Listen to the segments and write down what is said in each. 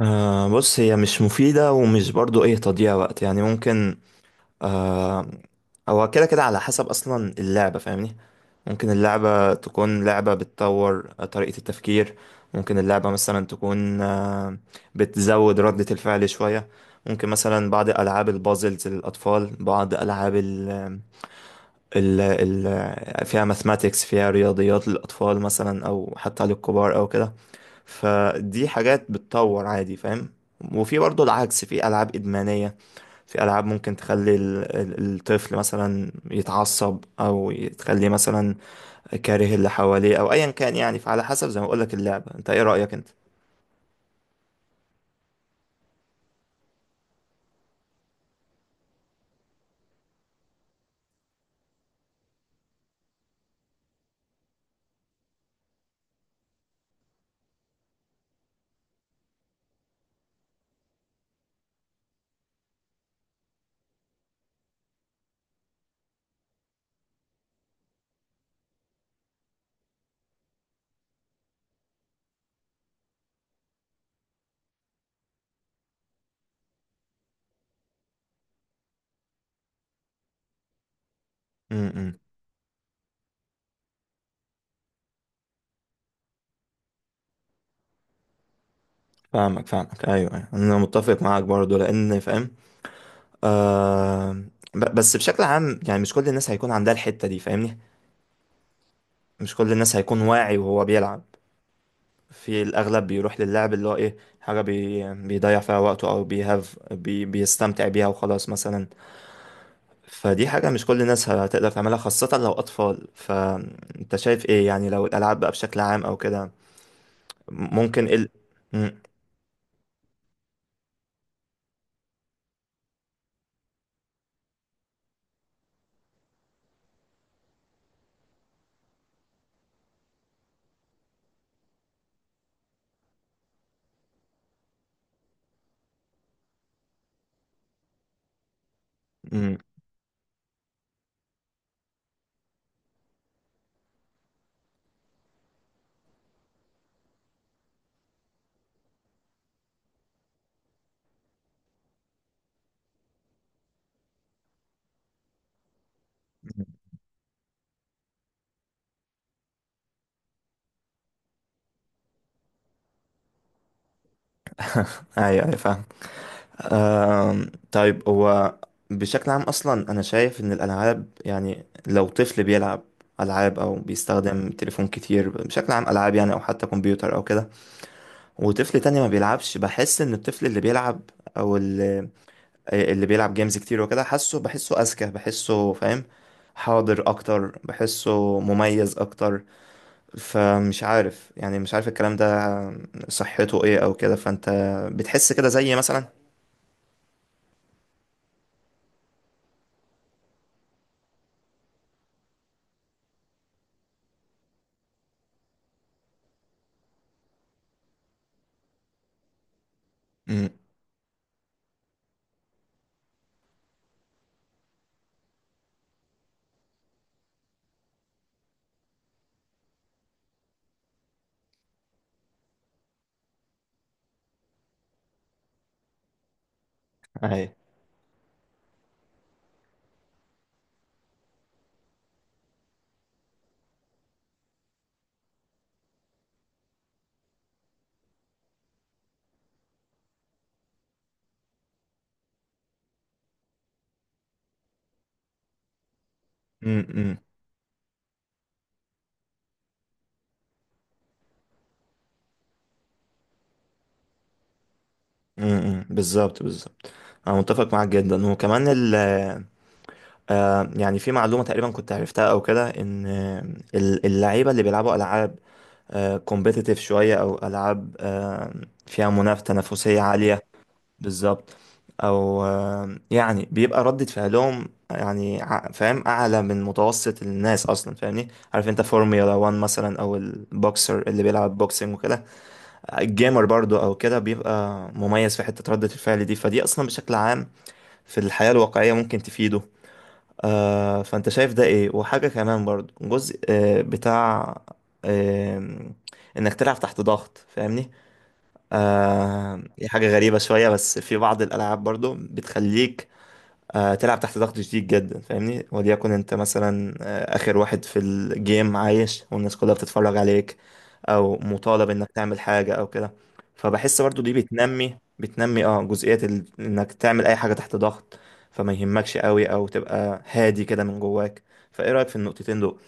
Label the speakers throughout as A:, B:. A: بص هي مش مفيدة ومش برضو تضييع وقت يعني ممكن آه هو كده كده على حسب اصلا اللعبة فاهمني. ممكن اللعبة تكون لعبة بتطور طريقة التفكير. ممكن اللعبة مثلا تكون بتزود ردة الفعل شوية. ممكن مثلا بعض ألعاب البازلز للأطفال، بعض ألعاب ال فيها ماثماتيكس، فيها رياضيات للأطفال مثلا أو حتى للكبار أو كده. فدي حاجات بتطور عادي فاهم. وفي برضه العكس، في ألعاب إدمانية، في ألعاب ممكن تخلي الطفل مثلا يتعصب أو تخليه مثلا كاره اللي حواليه أو أيا كان، يعني فعلى حسب زي ما بقولك اللعبة. أنت إيه رأيك أنت؟ امم فاهمك، أيوه، أنا متفق معاك برضه لأن فاهم. آه، بس بشكل عام يعني مش كل الناس هيكون عندها الحتة دي فاهمني. مش كل الناس هيكون واعي وهو بيلعب. في الأغلب بيروح للعب اللي هو إيه، حاجة بيضيع فيها وقته أو بيهاف بي بيستمتع بيها وخلاص مثلا. فدي حاجة مش كل الناس هتقدر تعملها، خاصة لو أطفال. فأنت شايف إيه يعني لو الألعاب بقى بشكل عام أو كده؟ ممكن إيه ال... مم. مم. أيوه أيوه فاهم. طيب هو بشكل عام أصلا أنا شايف إن الألعاب، يعني لو طفل بيلعب ألعاب أو بيستخدم تليفون كتير بشكل عام، ألعاب يعني أو حتى كمبيوتر أو كده، وطفل تاني ما بيلعبش، بحس ان الطفل اللي بيلعب او اللي, اللي بيلعب جيمز كتير وكده، حاسه بحسه اذكى، بحسه فاهم، حاضر اكتر، بحسه مميز اكتر. فمش عارف يعني، مش عارف الكلام ده صحته ايه او كده. فانت بتحس كده زي مثلا؟ امم اي. امم امم، بالظبط بالظبط. انا متفق معاك جدا. وكمان ال... يعني في معلومه تقريبا كنت عرفتها او كده، ان اللعيبه اللي بيلعبوا العاب كومبيتيتيف شوية، أو ألعاب فيها منافسة، تنافسية عالية، بالظبط. أو يعني بيبقى ردة فعلهم يعني فاهم أعلى من متوسط الناس أصلا فاهمني. عارف أنت فورميولا 1 مثلا، أو البوكسر اللي بيلعب بوكسنج وكده، الجيمر برضو أو كده، بيبقى مميز في حتة ردة الفعل دي. فدي أصلا بشكل عام في الحياة الواقعية ممكن تفيده. آه، فانت شايف ده ايه. وحاجة كمان برضو، جزء بتاع آه انك تلعب تحت ضغط فاهمني. آه، دي حاجة غريبة شوية، بس في بعض الالعاب برضو بتخليك تلعب تحت ضغط شديد جدا فاهمني. وليكن انت مثلا اخر واحد في الجيم عايش، والناس كلها بتتفرج عليك، او مطالب انك تعمل حاجة او كده. فبحس برضو دي بتنمي اه جزئية ال... انك تعمل اي حاجة تحت ضغط، فما يهمكش قوي او تبقى هادي كده من جواك. فايه رأيك في النقطتين دول؟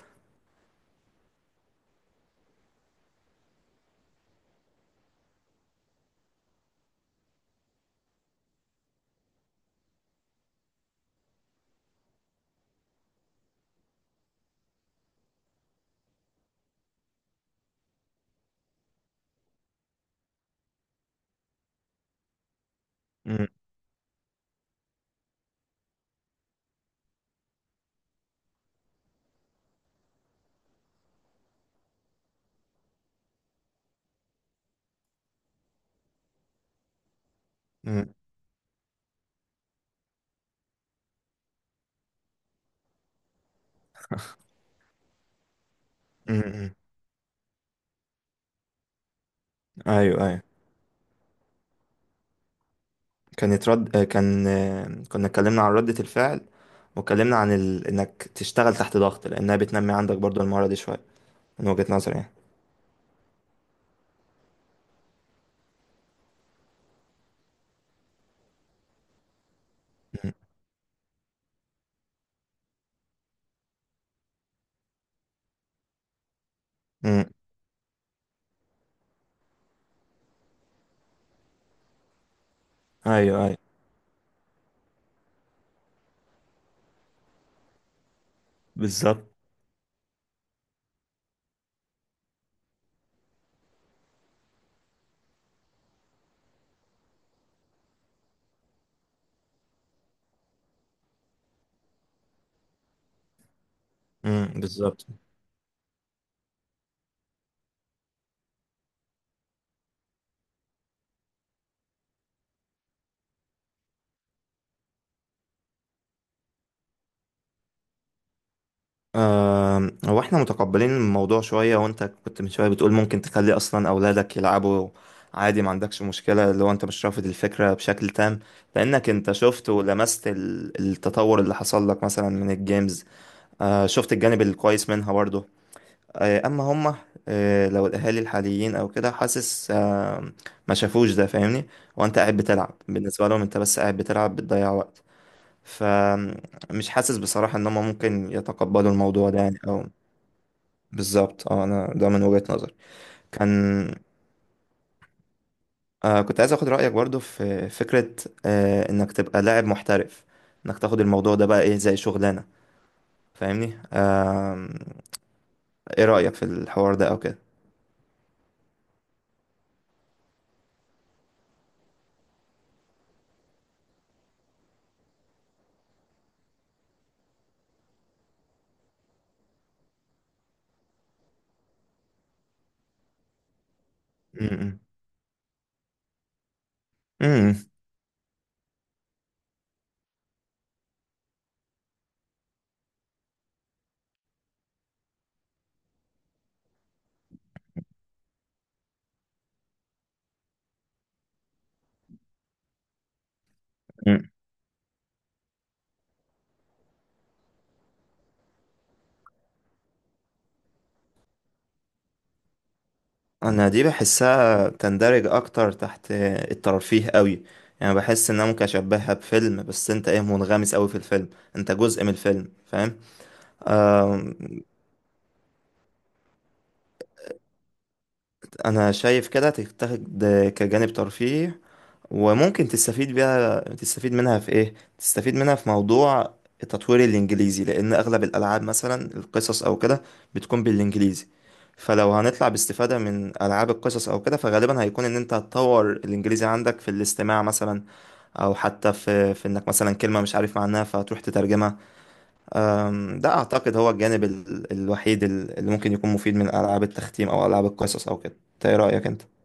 A: مم. مم. مم. مم. ايوه ايوه، كانت رد كان كنا اتكلمنا عن ردة الفعل، واتكلمنا عن ال... انك تشتغل تحت ضغط، لانها بتنمي عندك برضو المهارة دي شوية، من وجهة نظري يعني. مم. مم. ايوه ايوه بالظبط. مم. بالظبط. هو احنا متقبلين الموضوع شوية، وانت كنت من شوية بتقول ممكن تخلي اصلا اولادك يلعبوا عادي، ما عندكش مشكلة، لو انت مش رافض الفكرة بشكل تام. لانك انت شفت ولمست التطور اللي حصل لك مثلا من الجيمز. شفت الجانب الكويس منها برضه. اما هما لو الاهالي الحاليين او كده، حاسس ما شافوش ده فاهمني. وانت قاعد بتلعب، بالنسبة لهم انت بس قاعد بتلعب بتضيع وقت. فمش حاسس بصراحة ان هم ممكن يتقبلوا الموضوع ده يعني، او بالظبط. اه، انا ده من وجهة نظري. كان كنت عايز اخد رأيك برضو في فكرة، انك تبقى لاعب محترف، انك تاخد الموضوع ده بقى ايه زي شغلانة فاهمني. آه، ايه رأيك في الحوار ده او كده؟ م- م- م- انا دي بحسها تندرج اكتر تحت الترفيه قوي. يعني بحس ان انا ممكن اشبهها بفيلم، بس انت ايه، منغمس قوي في الفيلم، انت جزء من الفيلم. فاهم. انا شايف كده تتاخد كجانب ترفيهي، وممكن تستفيد بيها، تستفيد منها في ايه، تستفيد منها في موضوع تطوير الانجليزي، لان اغلب الالعاب مثلا القصص او كده بتكون بالانجليزي. فلو هنطلع باستفادة من العاب القصص او كده، فغالبا هيكون ان انت هتطور الانجليزي عندك في الاستماع مثلا، او حتى في انك مثلا كلمة مش عارف معناها فتروح تترجمها. ده اعتقد هو الجانب الوحيد اللي ممكن يكون مفيد من العاب التختيم او العاب القصص او كده. إنت ايه رأيك انت؟